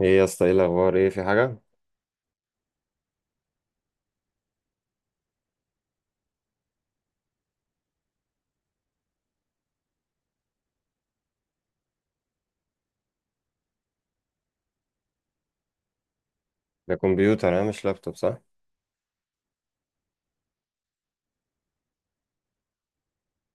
ايه يا اسطى، ايه الاخبار؟ ايه، في حاجه؟ ده كمبيوتر انا مش لابتوب، صح؟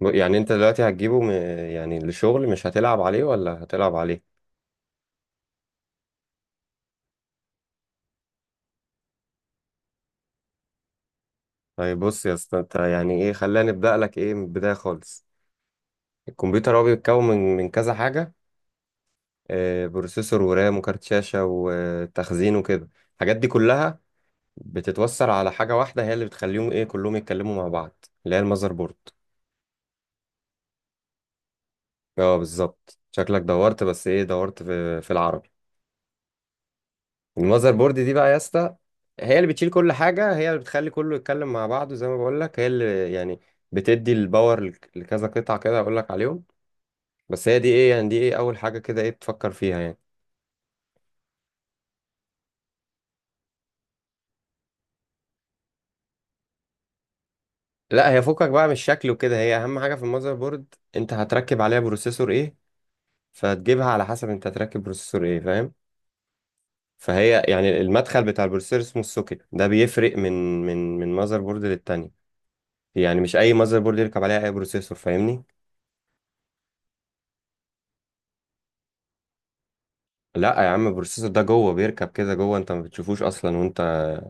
يعني انت دلوقتي هتجيبه يعني للشغل، مش هتلعب عليه ولا هتلعب عليه؟ طيب بص يا اسطى، انت يعني ايه، خلينا نبدا لك ايه من البدايه خالص. الكمبيوتر هو بيتكون من كذا حاجه. آه، بروسيسور ورام وكارت شاشه وتخزين وكده، الحاجات دي كلها بتتوصل على حاجه واحده هي اللي بتخليهم ايه كلهم يتكلموا مع بعض، اللي هي المذر بورد. اه بالظبط، شكلك دورت، بس ايه، دورت في العرب. المذر بورد دي بقى يا اسطى، هي اللي بتشيل كل حاجة، هي اللي بتخلي كله يتكلم مع بعضه، زي ما بقول لك، هي اللي يعني بتدي الباور لكذا قطعة كده هقول لك عليهم. بس هي دي ايه يعني، دي ايه اول حاجة كده ايه بتفكر فيها يعني. لا، هي فكك بقى من الشكل وكده، هي اهم حاجة في المذر بورد، انت هتركب عليها بروسيسور ايه، فتجيبها على حسب انت هتركب بروسيسور ايه، فاهم؟ فهي يعني المدخل بتاع البروسيسور اسمه السوكت، ده بيفرق من مذر بورد للتانية، يعني مش اي مذر بورد يركب عليها اي بروسيسور، فاهمني؟ لا يا عم، البروسيسور ده جوه، بيركب كده جوه، انت ما بتشوفوش اصلا، وانت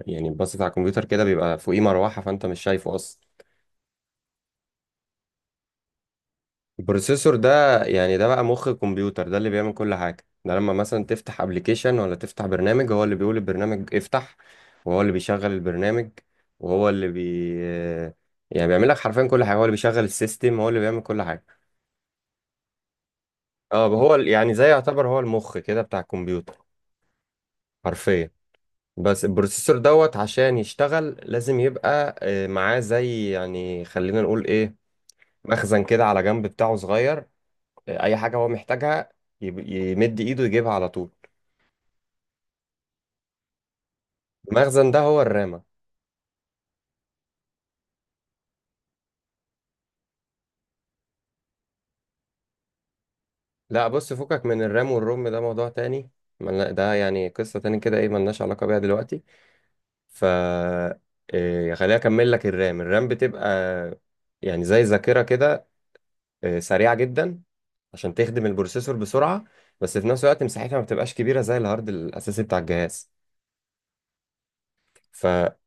يعني باصص على الكمبيوتر كده بيبقى فوقيه مروحه، فانت مش شايفه اصلا. البروسيسور ده يعني، ده بقى مخ الكمبيوتر، ده اللي بيعمل كل حاجه، ده لما مثلا تفتح ابلكيشن ولا تفتح برنامج، هو اللي بيقول البرنامج افتح، وهو اللي بيشغل البرنامج، وهو اللي بي يعني بيعمل لك حرفيا كل حاجه، هو اللي بيشغل السيستم، هو اللي بيعمل كل حاجه. اه، هو يعني زي، يعتبر هو المخ كده بتاع الكمبيوتر، حرفيا. بس البروسيسور دوت، عشان يشتغل لازم يبقى معاه زي يعني، خلينا نقول ايه، مخزن كده على جنب بتاعه صغير، اي حاجة هو محتاجها يمد ايده يجيبها على طول. المخزن ده هو الرامة. لا بص، فكك من الرام والروم، ده موضوع تاني، ده يعني قصة تاني كده، ايه، ملناش علاقة بيها دلوقتي. ف خليني اكمل لك. الرام بتبقى يعني زي ذاكرة كده، سريعة جدا عشان تخدم البروسيسور بسرعة، بس في نفس الوقت مساحتها ما بتبقاش كبيرة زي الهارد الأساسي بتاع الجهاز. فالهارد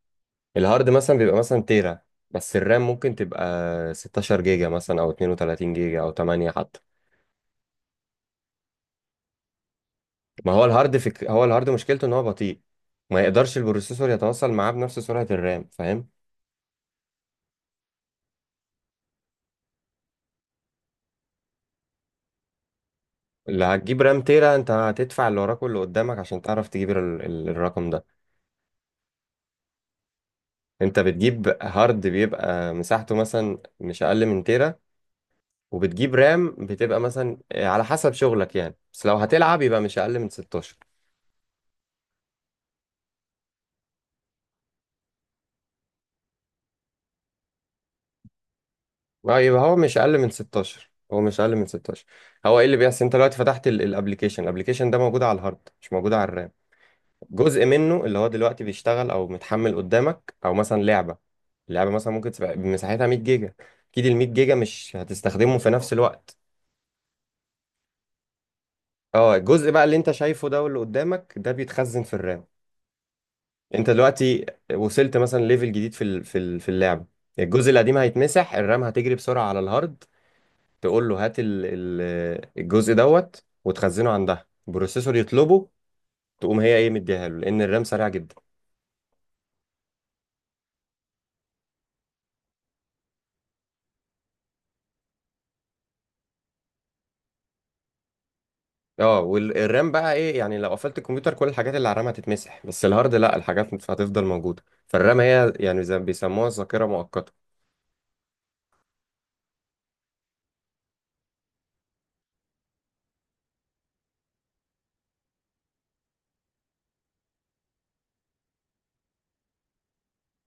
مثلا بيبقى مثلا تيرا، بس الرام ممكن تبقى 16 جيجا مثلا، أو 32 جيجا، أو 8 حتى. ما هو الهارد هو الهارد مشكلته إن هو بطيء، ما يقدرش البروسيسور يتواصل معاه بنفس سرعة الرام، فاهم؟ اللي هتجيب رام تيرا انت هتدفع اللي وراك واللي قدامك عشان تعرف تجيب الرقم ده. انت بتجيب هارد بيبقى مساحته مثلا مش اقل من تيرا، وبتجيب رام بتبقى مثلا على حسب شغلك يعني، بس لو هتلعب يبقى مش اقل من 16. اه، يبقى هو مش اقل من 16، هو مش اقل من 16. هو ايه اللي بيحصل، انت دلوقتي فتحت الابلكيشن، الابلكيشن ده موجود على الهارد مش موجود على الرام، جزء منه اللي هو دلوقتي بيشتغل او متحمل قدامك، او مثلا لعبه، اللعبه مثلا ممكن تبقى مساحتها 100 جيجا، اكيد ال 100 جيجا مش هتستخدمه في نفس الوقت. اه، الجزء بقى اللي انت شايفه ده واللي قدامك ده بيتخزن في الرام. انت دلوقتي وصلت مثلا ليفل جديد في اللعبه، الجزء القديم هيتمسح، الرام هتجري بسرعه على الهارد تقول له هات الجزء دوت، وتخزنه عندها البروسيسور يطلبه، تقوم هي ايه، مديها له، لان الرام سريع جدا. اه، والرام بقى ايه يعني لو قفلت الكمبيوتر كل الحاجات اللي على الرام هتتمسح، بس الهارد لا، الحاجات هتفضل موجوده. فالرام هي يعني زي ما بيسموها الذاكره مؤقته.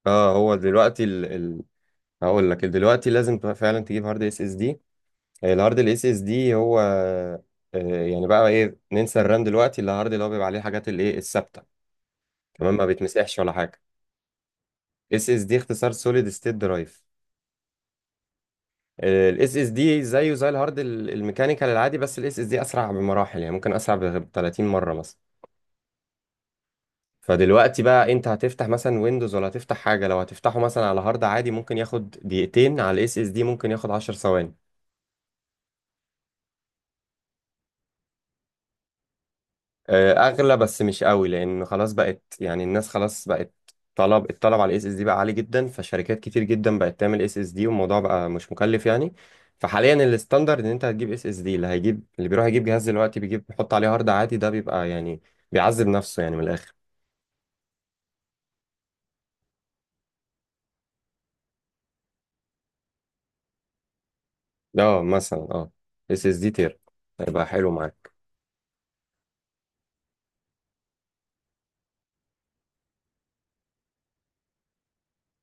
اه، هو دلوقتي هقول لك دلوقتي لازم فعلا تجيب هارد اس اس دي. الهارد الاس اس دي هو يعني بقى ايه، ننسى الرام دلوقتي، اللي الهارد اللي هو بيبقى عليه الحاجات الايه الثابته، تمام، ما بيتمسحش ولا حاجه. اس اس دي اختصار سوليد ستيت درايف. الاس اس دي زيه زي الهارد الميكانيكال العادي، بس الاس اس دي اسرع بمراحل، يعني ممكن اسرع ب 30 مره مثلا. فدلوقتي بقى، انت هتفتح مثلا ويندوز ولا هتفتح حاجه، لو هتفتحه مثلا على هارد عادي ممكن ياخد دقيقتين، على الاس اس دي ممكن ياخد 10 ثواني. اغلى بس مش قوي، لان خلاص بقت يعني، الناس خلاص بقت، الطلب على الاس اس دي بقى عالي جدا، فشركات كتير جدا بقت تعمل اس اس دي، والموضوع بقى مش مكلف يعني. فحاليا الستاندرد ان انت هتجيب اس اس دي، اللي هيجيب اللي بيروح يجيب جهاز دلوقتي بيجيب بيحط عليه هارد عادي ده بيبقى يعني بيعذب نفسه يعني من الاخر. اه مثلا، اه، اس اس دي تير هيبقى حلو معاك.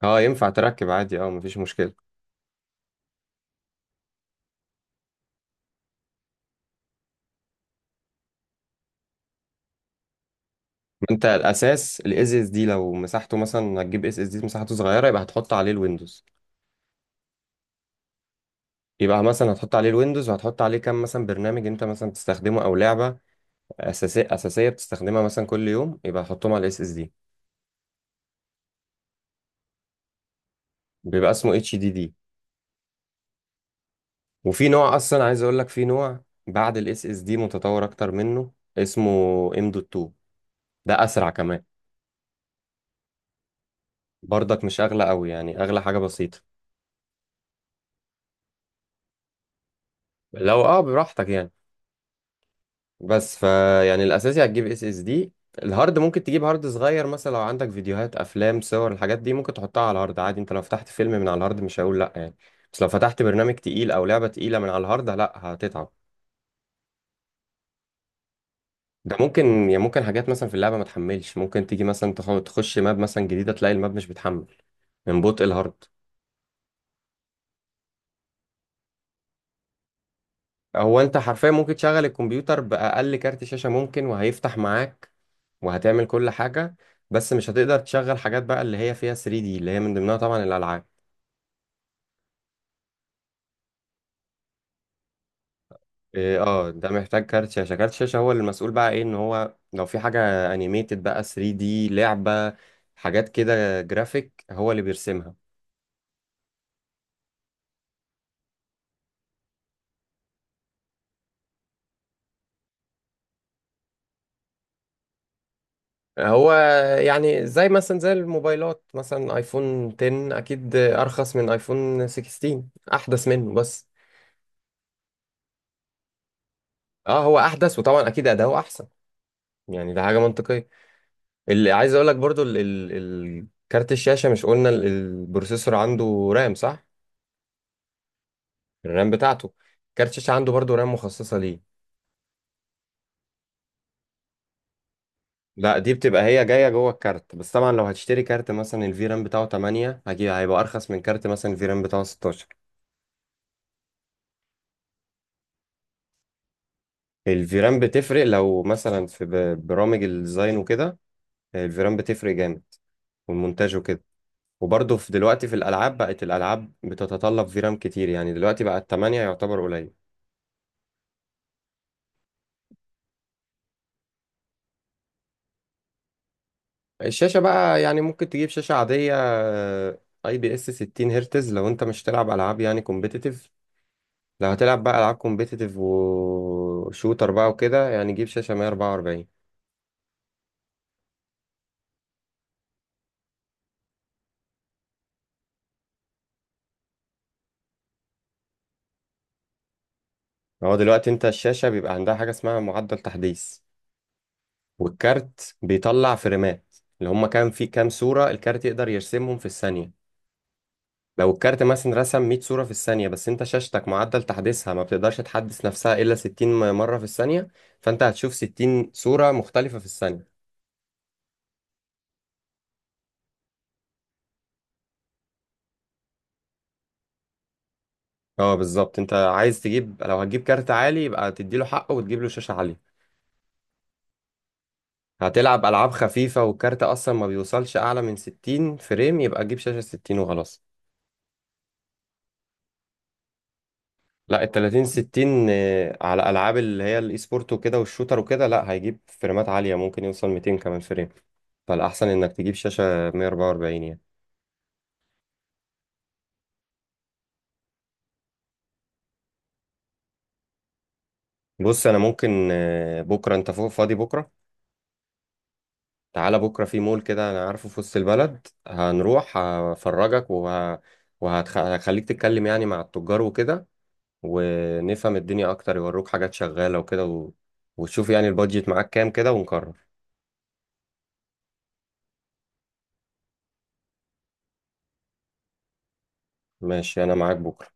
اه ينفع تركب عادي، اه، مفيش مشكله. ما انت الاساس الاس اس دي، لو مساحته مثلا هتجيب اس اس دي مساحته صغيره يبقى هتحط عليه الويندوز، يبقى مثلا هتحط عليه الويندوز وهتحط عليه كام مثلا برنامج انت مثلا بتستخدمه او لعبه اساسيه اساسيه بتستخدمها مثلا كل يوم، يبقى هتحطهم على الاس اس دي. بيبقى اسمه اتش دي دي. وفي نوع اصلا عايز اقول لك، في نوع بعد الاس اس دي متطور اكتر منه، اسمه ام دوت 2، ده اسرع كمان. برضك مش اغلى قوي يعني، اغلى حاجه بسيطه. لو اه براحتك يعني. بس فا يعني الاساسي هتجيب اس اس دي، الهارد ممكن تجيب هارد صغير مثلا، لو عندك فيديوهات افلام صور الحاجات دي ممكن تحطها على الهارد عادي، انت لو فتحت فيلم من على الهارد مش هقول لا يعني، بس لو فتحت برنامج تقيل او لعبه تقيله من على الهارد لا هتتعب. ده ممكن يعني، ممكن حاجات مثلا في اللعبه ما تحملش، ممكن تيجي مثلا تخش ماب مثلا جديده تلاقي الماب مش بتحمل من بطء الهارد. هو انت حرفيا ممكن تشغل الكمبيوتر باقل كارت شاشه ممكن وهيفتح معاك، وهتعمل كل حاجه، بس مش هتقدر تشغل حاجات بقى اللي هي فيها 3D، اللي هي من ضمنها طبعا الالعاب. إيه، اه، ده محتاج كارت شاشة، كارت شاشة هو اللي المسؤول بقى ايه ان هو لو في حاجة انيميتد بقى 3D، لعبة، حاجات كده جرافيك، هو اللي بيرسمها. هو يعني زي مثلا زي الموبايلات مثلا، ايفون 10 اكيد ارخص من ايفون 16، احدث منه بس. اه هو احدث، وطبعا اكيد اداؤه احسن، يعني ده حاجة منطقية. اللي عايز اقول لك برضو، كارت الشاشة، مش قلنا البروسيسور عنده رام، صح؟ الرام بتاعته، كارت الشاشة عنده برضو رام مخصصة ليه. لا، دي بتبقى هي جايه جوه الكارت، بس طبعا لو هتشتري كارت مثلا الفيرام بتاعه 8 هجيب هيبقى ارخص من كارت مثلا الفيرام بتاعه 16. الفيرام بتفرق، لو مثلا في برامج الديزاين وكده الفيرام بتفرق جامد، والمونتاج وكده. وبرضه في دلوقتي في الالعاب بقت الالعاب بتتطلب فيرام كتير، يعني دلوقتي بقى 8 يعتبر قليل. الشاشه بقى يعني ممكن تجيب شاشه عاديه، اي بي اس 60 هرتز، لو انت مش تلعب العاب يعني كومبيتيتيف. لو هتلعب بقى العاب كومبيتيتيف وشوتر بقى وكده، يعني جيب شاشه 144. هو دلوقتي انت الشاشه بيبقى عندها حاجه اسمها معدل تحديث، والكارت بيطلع فريمات اللي هم كام في كام صوره الكارت يقدر يرسمهم في الثانيه. لو الكارت مثلا رسم 100 صوره في الثانيه، بس انت شاشتك معدل تحديثها ما بتقدرش تحدث نفسها الا 60 مره في الثانيه، فانت هتشوف 60 صوره مختلفه في الثانيه. اه بالظبط، انت عايز تجيب، لو هتجيب كارت عالي يبقى تديله حقه وتجيب له شاشه عاليه. هتلعب ألعاب خفيفة والكارت أصلا ما بيوصلش أعلى من 60 فريم، يبقى تجيب شاشة 60 وخلاص. لا، ال 30 60 على ألعاب اللي هي الإي سبورت وكده والشوتر وكده، لا هيجيب فريمات عالية، ممكن يوصل 200 كمان فريم. فالأحسن إنك تجيب شاشة 144 يعني. بص أنا ممكن بكرة، أنت فوق فاضي بكرة؟ تعالى بكرة، في مول كده أنا عارفه في وسط البلد هنروح هفرجك وهخليك تتكلم يعني مع التجار وكده، ونفهم الدنيا اكتر، يوروك حاجات شغالة وكده وتشوف يعني البادجت معاك كام كده ونقرر. ماشي انا معاك بكرة.